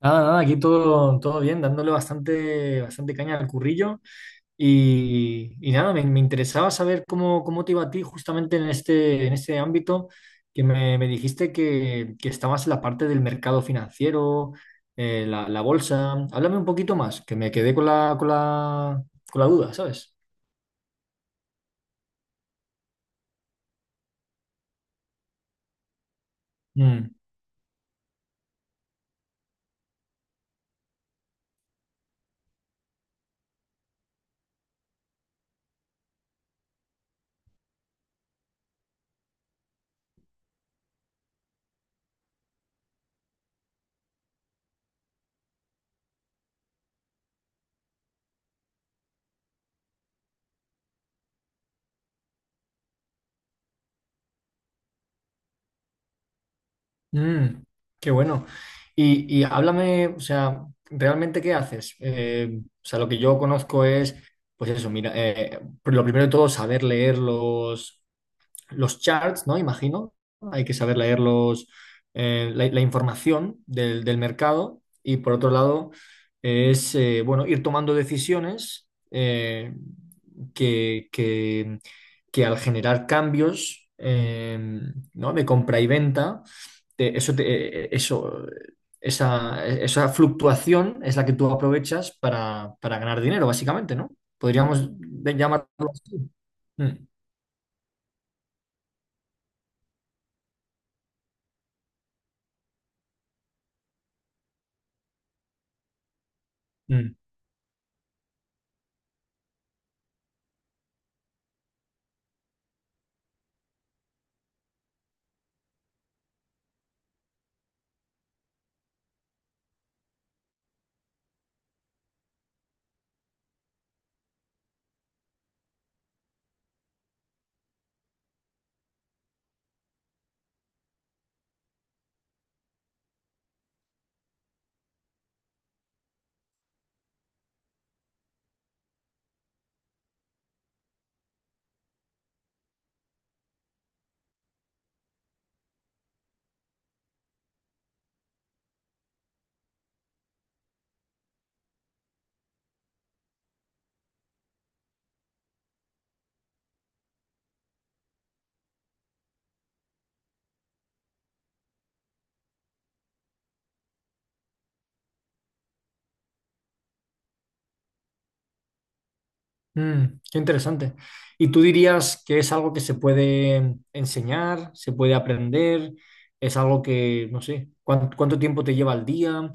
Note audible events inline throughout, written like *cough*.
Nada, nada, aquí todo, todo bien, dándole bastante, bastante caña al currillo. Y nada, me interesaba saber cómo te iba a ti justamente en este ámbito, que me dijiste que estabas en la parte del mercado financiero, la bolsa. Háblame un poquito más, que me quedé con la duda, ¿sabes? Mm. Mm, Qué bueno. Y háblame, o sea, ¿realmente qué haces? O sea, lo que yo conozco es, pues eso, mira, lo primero de todo, saber leer los charts, ¿no? Imagino. Hay que saber leer la información del mercado, y por otro lado es, bueno, ir tomando decisiones, que, que- que al generar cambios, ¿no?, de compra y venta, eso, eso, esa fluctuación es la que tú aprovechas para ganar dinero, básicamente, ¿no? Podríamos llamarlo así. Mm, mm. Qué interesante. ¿Y tú dirías que es algo que se puede enseñar, se puede aprender? ¿Es algo que, no sé, cuánto tiempo te lleva al día?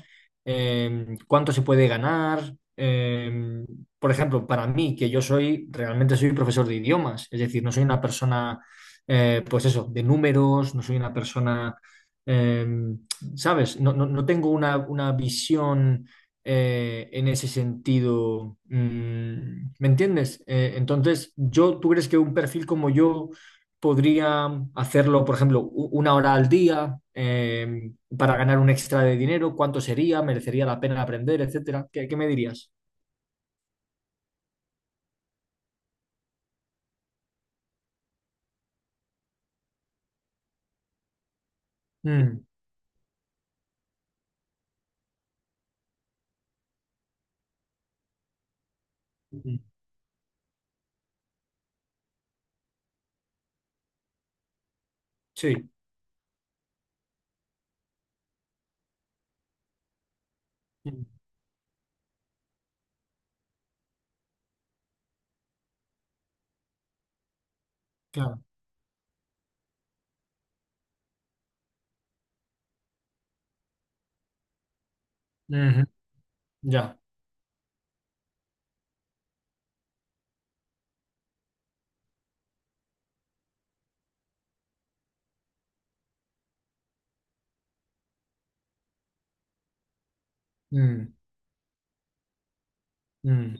¿Cuánto se puede ganar? Por ejemplo, para mí, que yo soy, realmente soy profesor de idiomas, es decir, no soy una persona, pues eso, de números, no soy una persona, eh, ¿sabes? No tengo una visión en ese sentido. ¿Me entiendes? Entonces, yo, ¿tú crees que un perfil como yo podría hacerlo, por ejemplo, una hora al día, para ganar un extra de dinero? ¿Cuánto sería? ¿Merecería la pena aprender, etcétera? ¿Qué me dirías? Mm, mm, sí, mm, claro. Ujú, ya. Mm, mm.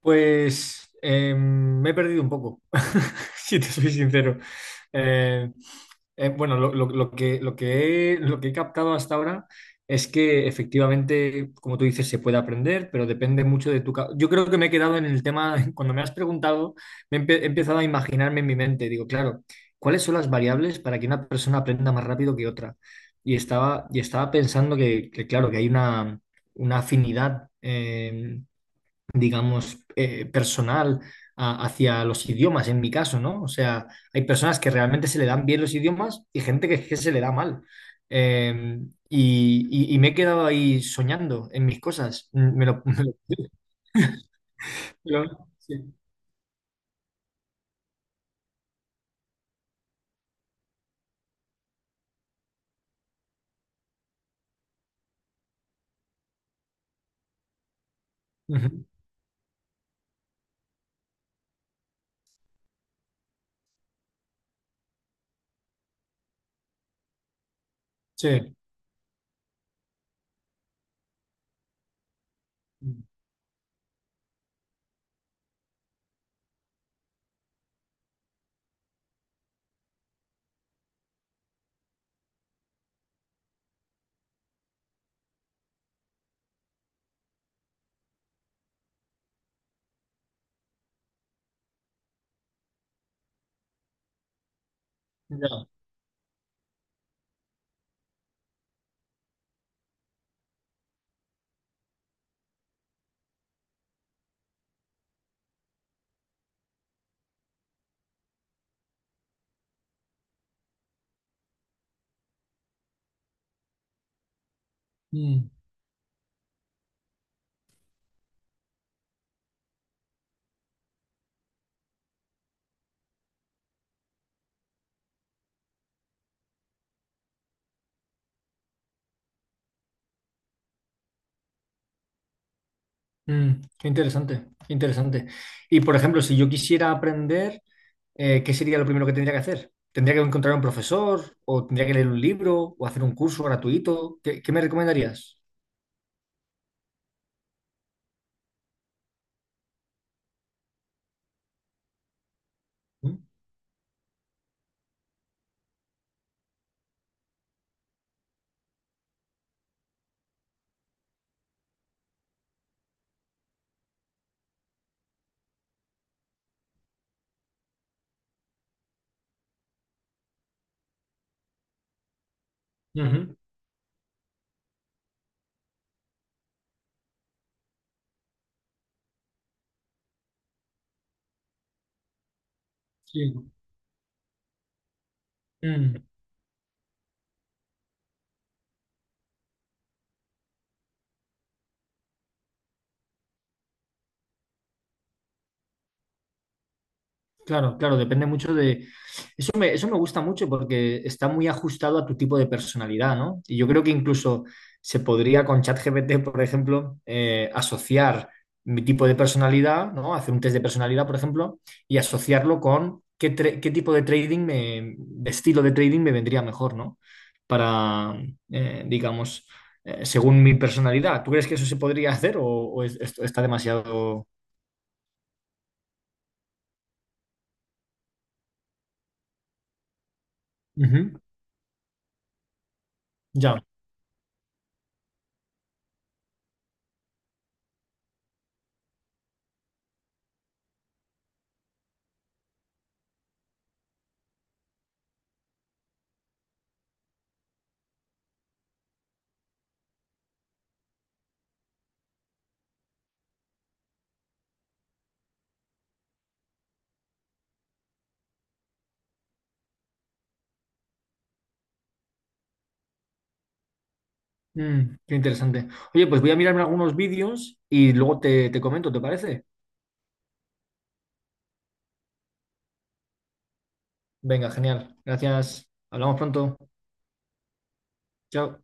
Pues me he perdido un poco, *laughs* si te soy sincero. Eh, bueno, lo que he captado hasta ahora es que, efectivamente, como tú dices, se puede aprender, pero depende mucho de tu... Yo creo que me he quedado en el tema, *laughs* cuando me has preguntado, he empezado a imaginarme en mi mente. Digo, claro, ¿cuáles son las variables para que una persona aprenda más rápido que otra? Y estaba pensando que, claro, que hay una afinidad, digamos, personal, hacia los idiomas, en mi caso, ¿no? O sea, hay personas que realmente se le dan bien los idiomas y gente que se le da mal. Eh, y me he quedado ahí soñando en mis cosas. *laughs* Sí. Ujú. Sí. Ya. Mm, mm. Qué interesante, qué interesante. Y, por ejemplo, si yo quisiera aprender, ¿qué sería lo primero que tendría que hacer? ¿Tendría que encontrar un profesor o tendría que leer un libro o hacer un curso gratuito? ¿Qué me recomendarías? ¿No? Ujú, sí. ¿No? Mm, Claro, claro, depende mucho de... Eso me gusta mucho porque está muy ajustado a tu tipo de personalidad, ¿no? Y yo creo que incluso se podría con ChatGPT, por ejemplo, asociar mi tipo de personalidad, ¿no? Hacer un test de personalidad, por ejemplo, y asociarlo con qué tipo de trading de estilo de trading me vendría mejor, ¿no? Para, digamos, según mi personalidad. ¿Tú crees que eso se podría hacer o esto está demasiado...? Ujú. Ya. Qué interesante. Oye, pues voy a mirarme algunos vídeos y luego te comento, ¿te parece? Venga, genial. Gracias. Hablamos pronto. Chao.